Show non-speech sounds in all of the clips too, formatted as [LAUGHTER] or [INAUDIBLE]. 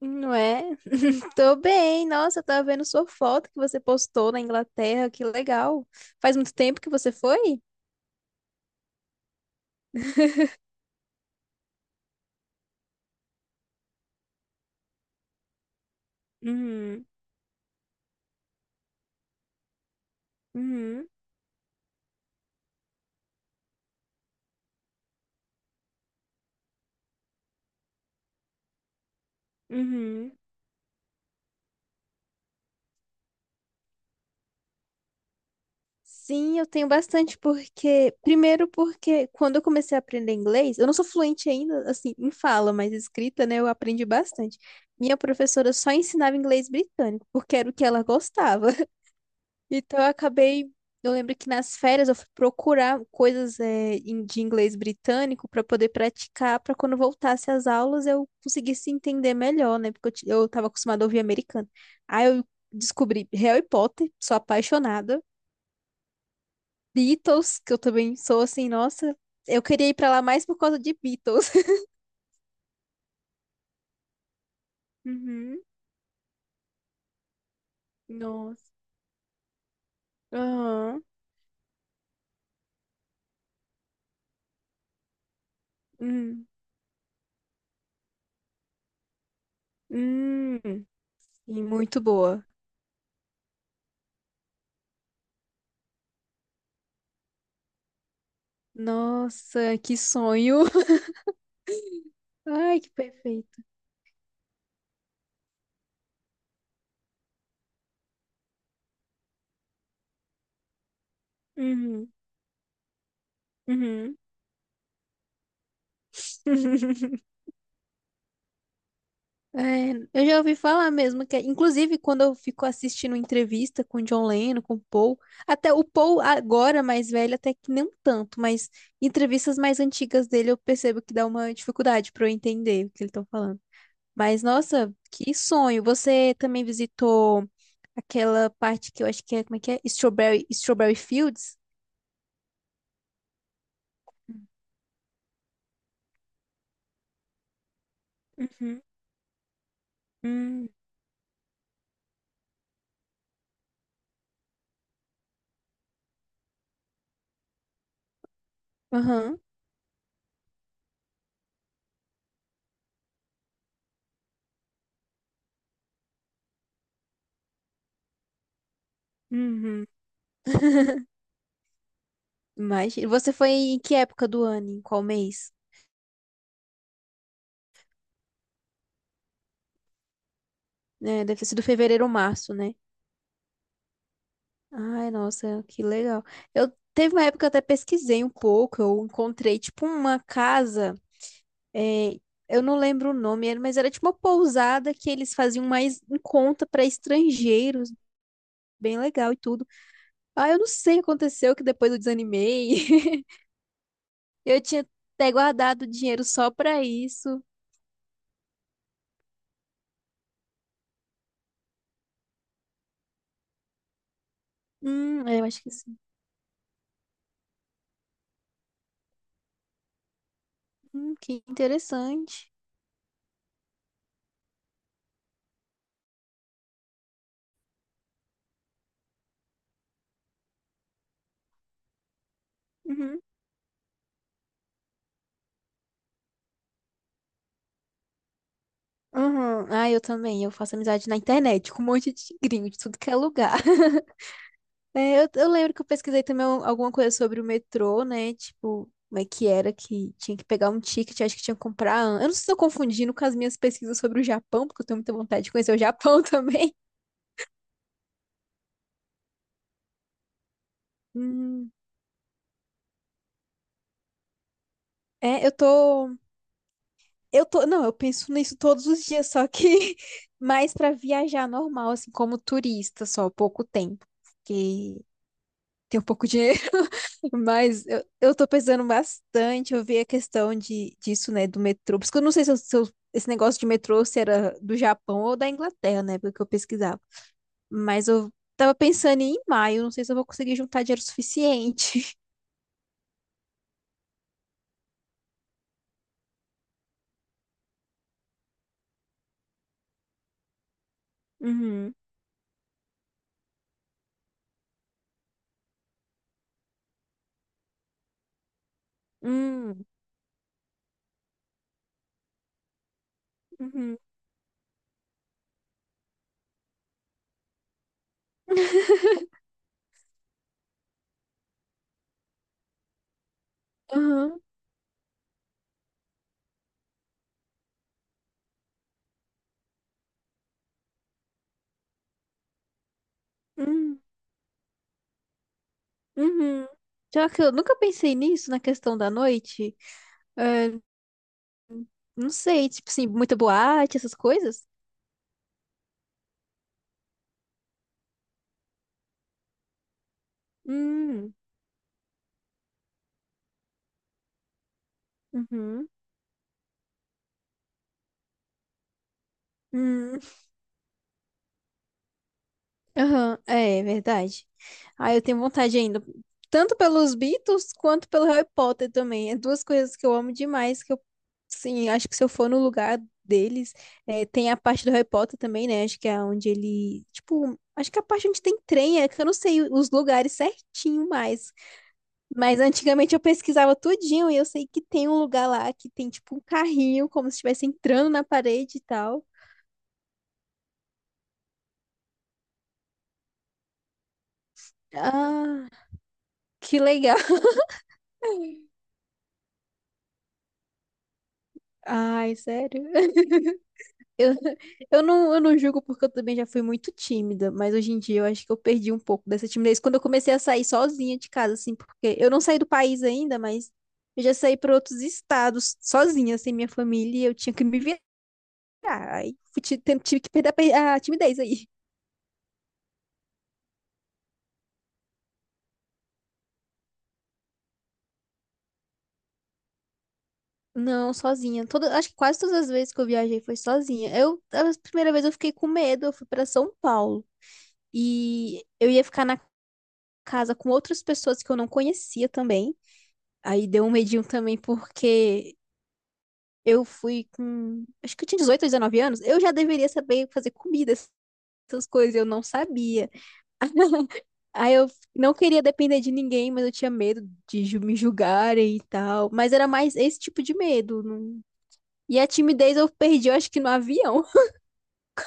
Não é? Tô bem. Nossa, eu tava vendo sua foto que você postou na Inglaterra. Que legal. Faz muito tempo que você foi? [LAUGHS] Uhum, uhum, uhum. Sim, eu tenho bastante porque, primeiro porque quando eu comecei a aprender inglês, eu não sou fluente ainda, assim, em fala, mas escrita, né, eu aprendi bastante. Minha professora só ensinava inglês britânico, porque era o que ela gostava. Então eu acabei. Eu lembro que nas férias eu fui procurar coisas de inglês britânico para poder praticar, para quando voltasse às aulas eu conseguisse entender melhor, né? Porque eu tava acostumada a ouvir americano. Aí eu descobri Harry Potter, sou apaixonada. Beatles, que eu também sou assim, nossa, eu queria ir para lá mais por causa de Beatles. [LAUGHS] Uhum. Nossa. Aham. Hum. Hum. Sim, muito boa. Nossa, que sonho. [LAUGHS] Ai, que perfeito. Uhum, uhum. [LAUGHS] É, eu já ouvi falar mesmo que, inclusive, quando eu fico assistindo entrevista com o John Lennon, com o Paul, até o Paul agora mais velho, até que não tanto, mas entrevistas mais antigas dele eu percebo que dá uma dificuldade para eu entender o que eles estão falando. Mas nossa, que sonho! Você também visitou aquela parte que eu acho que é, como é que é? Strawberry, Strawberry Fields? Uhum. Hum. Aham. Uhum. [LAUGHS] Mas você foi em que época do ano? Em qual mês? É, deve ter sido fevereiro ou março, né? Ai, nossa, que legal. Eu teve uma época que eu até pesquisei um pouco, eu encontrei tipo uma casa, é, eu não lembro o nome, mas era tipo uma pousada que eles faziam mais em conta para estrangeiros, bem legal e tudo. Ah, eu não sei o que aconteceu que depois eu desanimei. [LAUGHS] Eu tinha até guardado dinheiro só para isso. É, eu acho que sim. Que interessante. Uhum. Uhum. Ah, eu também. Eu faço amizade na internet com um monte de gringo de tudo que é lugar. [LAUGHS] É, eu lembro que eu pesquisei também alguma coisa sobre o metrô, né? Tipo, como é que era que tinha que pegar um ticket, acho que tinha que comprar. Eu não sei se estou confundindo com as minhas pesquisas sobre o Japão, porque eu tenho muita vontade de conhecer o Japão [LAUGHS] também. Hum, é, eu tô. Eu tô. Não, eu penso nisso todos os dias, só que [LAUGHS] mais pra viajar normal, assim, como turista, só pouco tempo. Porque tem um pouco de. Mas eu tô pensando bastante, eu vi a questão de, disso, né, do metrô. Por isso que eu não sei se esse negócio de metrô se era do Japão ou da Inglaterra, né, porque eu pesquisava. Mas eu tava pensando em ir em maio, não sei se eu vou conseguir juntar dinheiro suficiente. [LAUGHS] Uhum. Hum. Uhum. Aham. Hum. Uhum. Já que eu nunca pensei nisso, na questão da noite, é, não sei, tipo assim, muita boate, essas coisas. Hum. Uhum. Hum. Aham, é, é verdade. Ah, eu tenho vontade ainda, tanto pelos Beatles quanto pelo Harry Potter também. É duas coisas que eu amo demais, que eu, sim, acho que se eu for no lugar deles, é, tem a parte do Harry Potter também, né? Acho que é onde ele, tipo, acho que é a parte onde tem trem, é que eu não sei os lugares certinho mais. Mas antigamente eu pesquisava tudinho e eu sei que tem um lugar lá que tem, tipo, um carrinho, como se estivesse entrando na parede e tal. Ah, que legal. [LAUGHS] Ai, sério. Eu não julgo porque eu também já fui muito tímida, mas hoje em dia eu acho que eu perdi um pouco dessa timidez quando eu comecei a sair sozinha de casa, assim, porque eu não saí do país ainda, mas eu já saí para outros estados sozinha, sem minha família, e eu tinha que me virar. Aí tive que perder a timidez aí. [LAUGHS] Não, sozinha. Toda, acho que quase todas as vezes que eu viajei foi sozinha. Eu, a primeira vez eu fiquei com medo, eu fui para São Paulo e eu ia ficar na casa com outras pessoas que eu não conhecia também. Aí deu um medinho também porque eu fui com, acho que eu tinha 18 ou 19 anos, eu já deveria saber fazer comida, essas coisas, eu não sabia. [LAUGHS] Aí eu não queria depender de ninguém, mas eu tinha medo de me julgarem e tal. Mas era mais esse tipo de medo. E a timidez eu perdi, eu acho que no avião. [LAUGHS]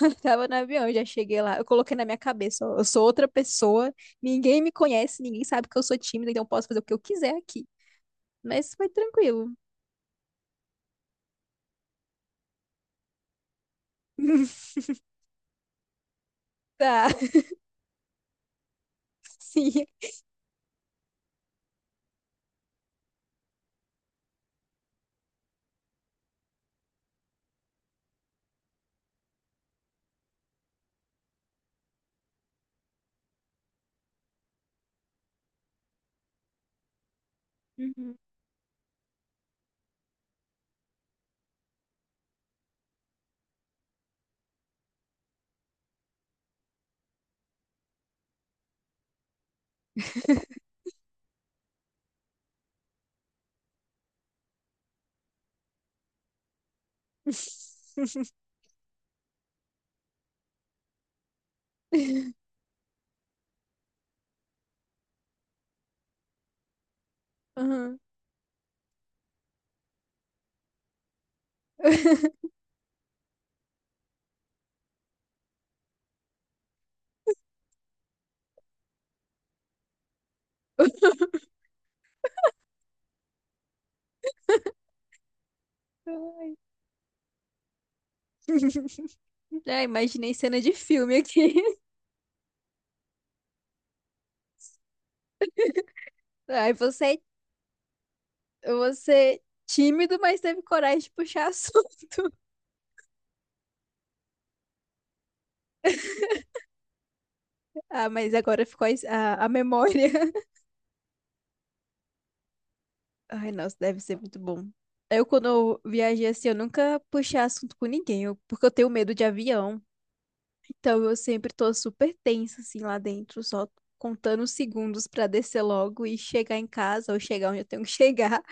Eu tava no avião, eu já cheguei lá. Eu coloquei na minha cabeça, ó, eu sou outra pessoa, ninguém me conhece, ninguém sabe que eu sou tímida, então eu posso fazer o que eu quiser aqui. Mas foi tranquilo. [LAUGHS] Tá, [LAUGHS] sim. Uhum. [LAUGHS] Aham. Ai. [LAUGHS] É, imaginei cena de filme aqui. [LAUGHS] Aí você tímido, mas teve coragem de puxar assunto. [LAUGHS] Ah, mas agora ficou a memória. [LAUGHS] Ai, nossa, deve ser muito bom. Eu, quando eu viajei assim, eu nunca puxei assunto com ninguém, porque eu tenho medo de avião. Então eu sempre tô super tensa, assim, lá dentro, só contando os segundos pra descer logo e chegar em casa ou chegar onde eu tenho que [LAUGHS] chegar.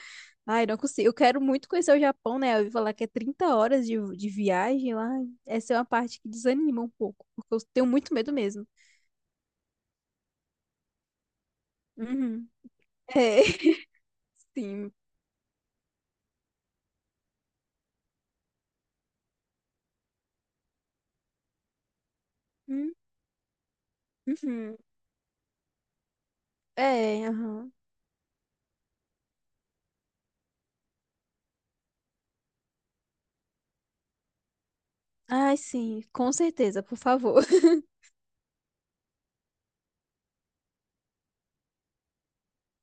Ai, não consigo. Eu quero muito conhecer o Japão, né? Eu ouvi falar que é 30 horas de viagem lá. Essa é uma parte que desanima um pouco, porque eu tenho muito medo mesmo. Uhum. É, [LAUGHS] sim. Hum, uhum. É, aham. Ai, sim, com certeza, por favor. [LAUGHS]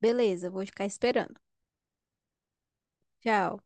Beleza, vou ficar esperando. Tchau.